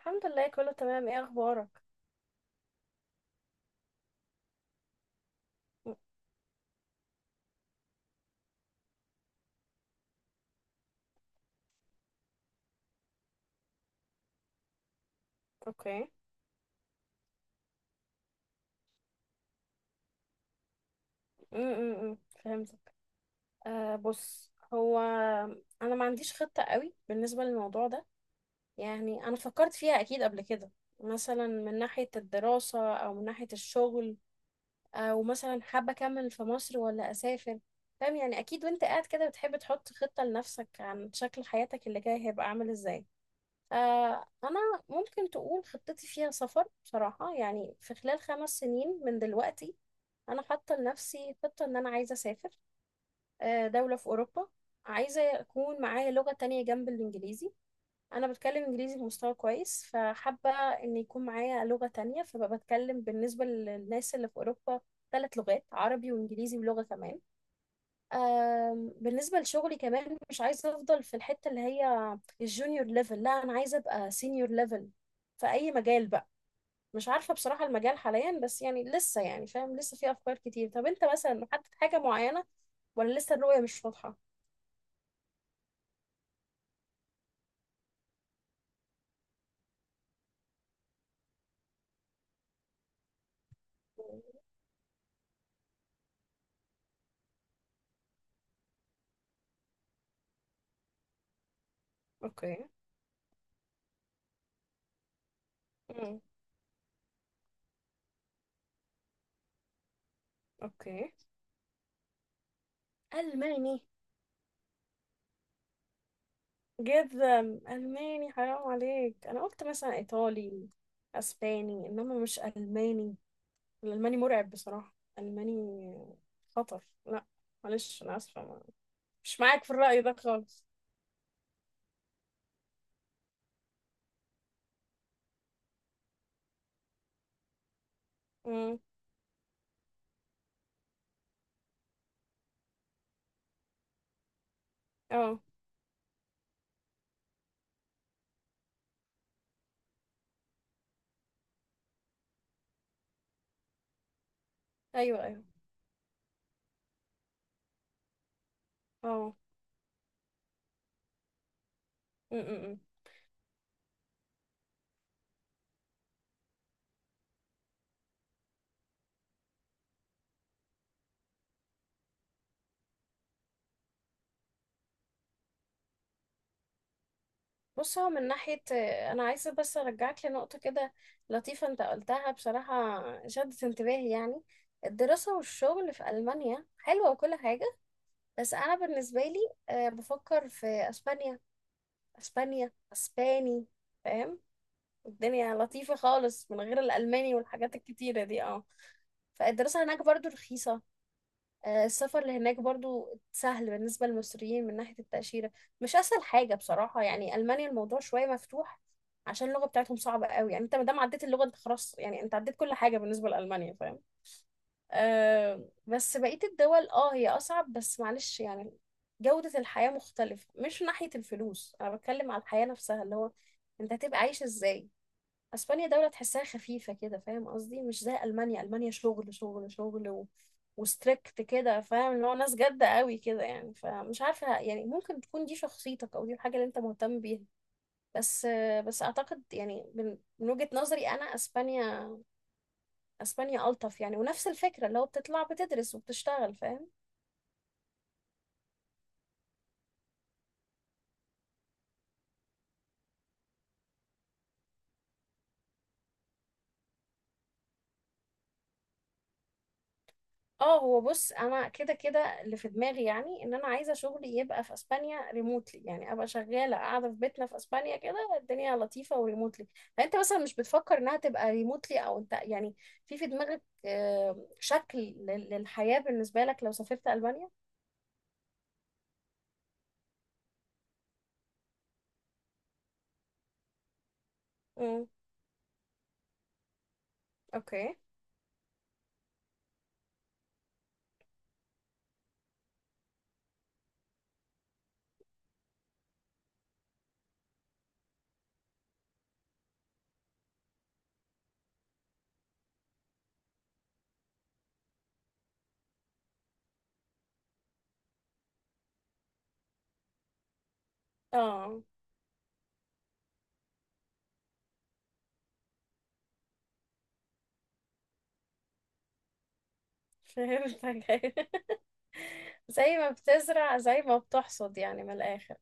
الحمد لله كله تمام. ايه اخبارك؟ م- اوكي. امم فهمتك. بص، هو انا ما عنديش خطة قوي بالنسبة للموضوع ده. يعني انا فكرت فيها اكيد قبل كده، مثلا من ناحية الدراسة او من ناحية الشغل، او مثلا حابة اكمل في مصر ولا اسافر. فاهم يعني؟ اكيد وانت قاعد كده بتحب تحط خطة لنفسك عن شكل حياتك اللي جاي هيبقى عامل ازاي. انا ممكن تقول خطتي فيها سفر بصراحة، يعني في خلال خمس سنين من دلوقتي انا حاطه لنفسي خطه ان انا عايزه اسافر، دوله في اوروبا. عايزه يكون معايا لغه تانية جنب الانجليزي. انا بتكلم انجليزي بمستوى كويس، فحابه ان يكون معايا لغه تانية، فبقى بتكلم بالنسبه للناس اللي في اوروبا ثلاث لغات: عربي وانجليزي ولغه كمان. بالنسبه لشغلي كمان، مش عايزه افضل في الحته اللي هي الجونيور ليفل، لا، انا عايزه ابقى سينيور ليفل في اي مجال بقى. مش عارفة بصراحة المجال حاليا، بس يعني لسه، يعني فاهم، لسه في أفكار كتير. طب أنت مثلا محدد حاجة معينة ولا لسه الرؤية مش واضحة؟ أوكي. مم. أوكي. ألماني؟ جدا. ألماني حرام عليك، أنا قلت مثلا إيطالي، أسباني، إنما مش ألماني. الألماني مرعب بصراحة. ألماني خطر، لا. معلش أنا آسفة، مش معاك في الرأي ده خالص. مم. اه. أيوه أيوه. اه. مم، مم، مم. بص، هو من ناحية، أنا عايزة بس أرجعك لنقطة كده لطيفة أنت قلتها، بصراحة شدت انتباهي يعني. الدراسة والشغل في ألمانيا حلوة وكل حاجة، بس أنا بالنسبة لي، بفكر في أسبانيا. أسبانيا، أسباني، فاهم؟ الدنيا لطيفة خالص من غير الألماني والحاجات الكتيرة دي، اه. فالدراسة هناك برضو رخيصة. السفر لهناك برضو سهل بالنسبة للمصريين من ناحية التأشيرة، مش أسهل حاجة بصراحة يعني. ألمانيا الموضوع شوية مفتوح عشان اللغة بتاعتهم صعبة قوي، يعني انت مادام عديت اللغة انت خلاص، يعني انت عديت كل حاجة بالنسبة لألمانيا، فاهم؟ آه، بس بقية الدول اه هي أصعب، بس معلش يعني. جودة الحياة مختلفة، مش من ناحية الفلوس، أنا بتكلم على الحياة نفسها، اللي هو انت هتبقى عايش ازاي. اسبانيا دولة تحسها خفيفة كده، فاهم قصدي؟ مش زي المانيا. المانيا شغل شغل شغل، وستريكت كده، فاهم؟ اللي هو ناس جادة قوي كده يعني. فمش عارفة، يعني ممكن تكون دي شخصيتك او دي الحاجة اللي انت مهتم بيها. بس، بس اعتقد يعني من وجهة نظري انا اسبانيا، اسبانيا الطف يعني، ونفس الفكرة اللي هو بتطلع بتدرس وبتشتغل، فاهم؟ اه، هو بص انا كده اللي في دماغي، يعني ان انا عايزه شغلي يبقى في اسبانيا ريموتلي، يعني ابقى شغاله قاعده في بيتنا في اسبانيا كده، الدنيا لطيفه، وريموتلي. فانت مثلا مش بتفكر انها تبقى ريموتلي، او انت يعني في دماغك شكل للحياه بالنسبه لك لو سافرت البانيا؟ امم اوكي. اه فهمتك. زي ما بتزرع زي ما بتحصد يعني من الاخر.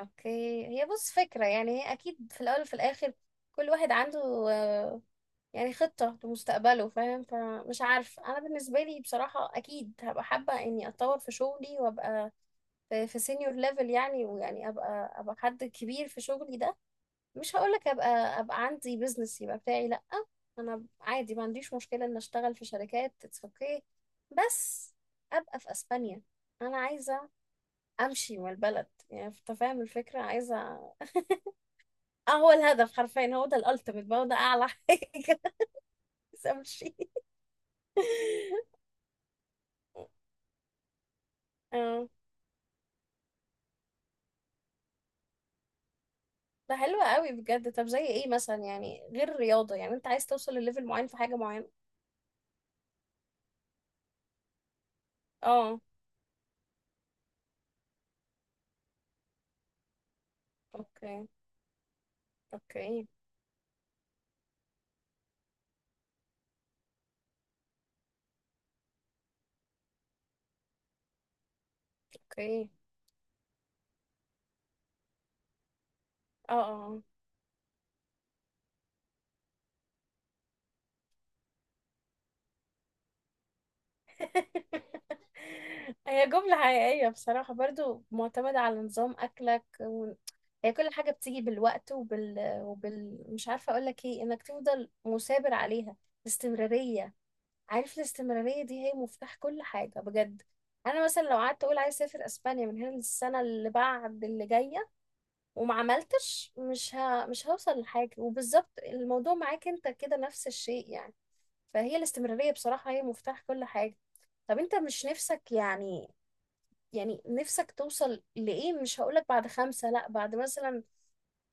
اوكي، هي بص فكره، يعني هي اكيد في الاول وفي الاخر كل واحد عنده آه، يعني خطة لمستقبله، فاهم؟ فمش عارف، أنا بالنسبة لي بصراحة أكيد هبقى حابة إني أتطور في شغلي وأبقى في سينيور ليفل، يعني ويعني أبقى حد كبير في شغلي ده. مش هقولك أبقى، أبقى عندي بيزنس يبقى بتاعي، لأ. أنا عادي، ما عنديش مشكلة إن أشتغل في شركات، اتس أوكي. بس أبقى في أسبانيا. أنا عايزة أمشي من البلد، يعني أنت فاهم الفكرة؟ عايزة. اه، هو الهدف حرفيا هو ده الألتيميت بقى، هو ده أعلى حاجة. عايزة أمشي. اه ده حلو قوي بجد. طب زي ايه مثلا، يعني غير الرياضة، يعني انت عايز توصل لليفل معين في حاجة معينة؟ اه. اوكي. اوكي. اوكي. اه. اه. هي جملة حقيقية بصراحة، برضو معتمدة على نظام أكلك هي كل حاجة بتيجي بالوقت مش عارفة أقولك ايه، إنك تفضل مثابر عليها، الاستمرارية. عارف الاستمرارية دي هي مفتاح كل حاجة بجد. أنا مثلا لو قعدت أقول عايز أسافر أسبانيا من هنا للسنة اللي بعد اللي جاية وما عملتش، مش هوصل لحاجة. وبالظبط الموضوع معاك انت كده نفس الشيء يعني. فهي الاستمرارية بصراحة هي مفتاح كل حاجة. طب انت مش نفسك يعني، يعني نفسك توصل لإيه؟ مش هقولك بعد خمسة، لأ، بعد مثلا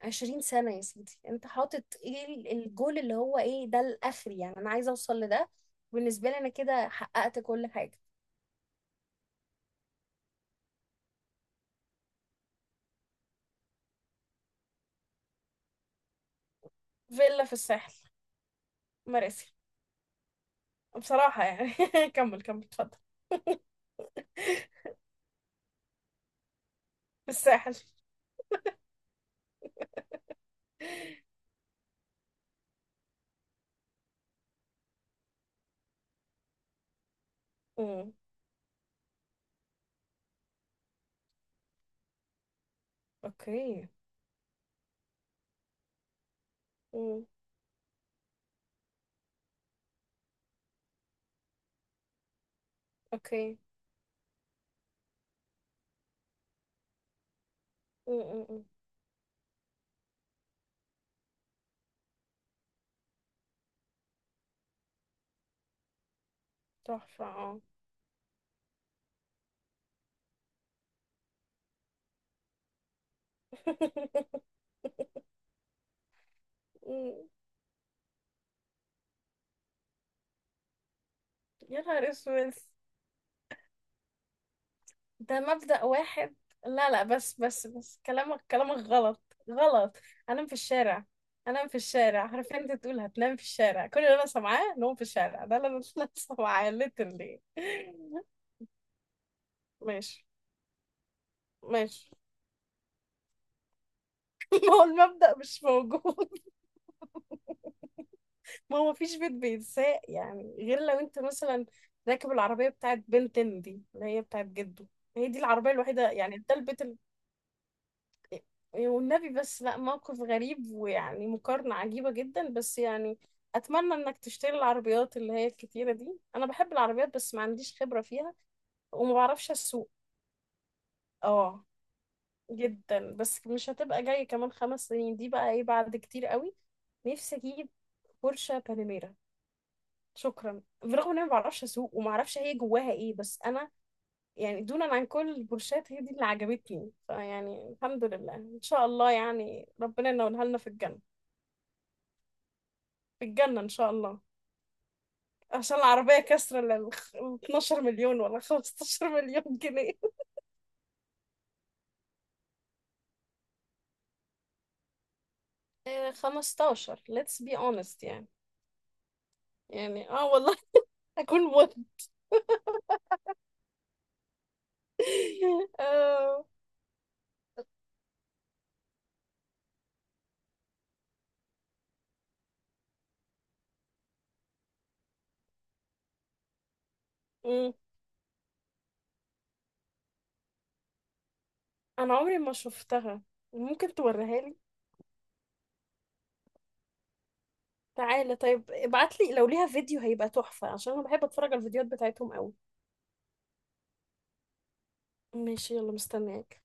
عشرين سنة يا سيدي، انت حاطط ايه الجول اللي هو ايه ده الآخر، يعني انا عايزة اوصل لده، بالنسبة لي انا كده حققت كل حاجة. فيلا في الساحل، مراسي. بصراحة يعني كمل كمل اتفضل. في الساحل. اوكي. امم اوكي. أم، أم، أم. تحفة، اه. أم، يا نهار اسود، ده مبدأ واحد. لا لا، بس كلامك غلط، غلط. انام في الشارع، انام في الشارع، عارفين انت تقول هتنام في الشارع، كل اللي انا سامعاه نوم في الشارع، ده اللي انا أنا سامعاه literally. ماشي. ماشي. هو المبدأ مش موجود. ما هو مفيش بيت بيتساق، يعني غير لو انت مثلا راكب العربية بتاعت بنتين دي اللي هي بتاعت جده، هي دي العربية الوحيدة، يعني ده البيت والنبي بس، لا موقف غريب، ويعني مقارنة عجيبة جدا، بس يعني أتمنى إنك تشتري العربيات اللي هي الكتيرة دي. أنا بحب العربيات بس ما عنديش خبرة فيها وما بعرفش أسوق. اه جدا، بس مش هتبقى جاية كمان خمس سنين دي بقى، ايه بعد كتير قوي. نفسي أجيب بورشة باناميرا، شكرا، برغم ان انا ما بعرفش اسوق وما اعرفش هي جواها ايه، بس انا يعني دونا عن كل البورشات هي دي اللي عجبتني. فيعني الحمد لله ان شاء الله يعني ربنا ينولها لنا في الجنه. في الجنه ان شاء الله، عشان العربيه كسر لل 12 مليون ولا 15 مليون جنيه. آه، 15 let's be honest يعني. يعني اه والله. اكون مت. آه. مم. انا عمري ما شفتها، ممكن توريها لي؟ تعالى طيب ابعتلي، لو ليها فيديو هيبقى تحفة عشان انا بحب اتفرج على الفيديوهات بتاعتهم قوي. ماشي، يلا مستنياك.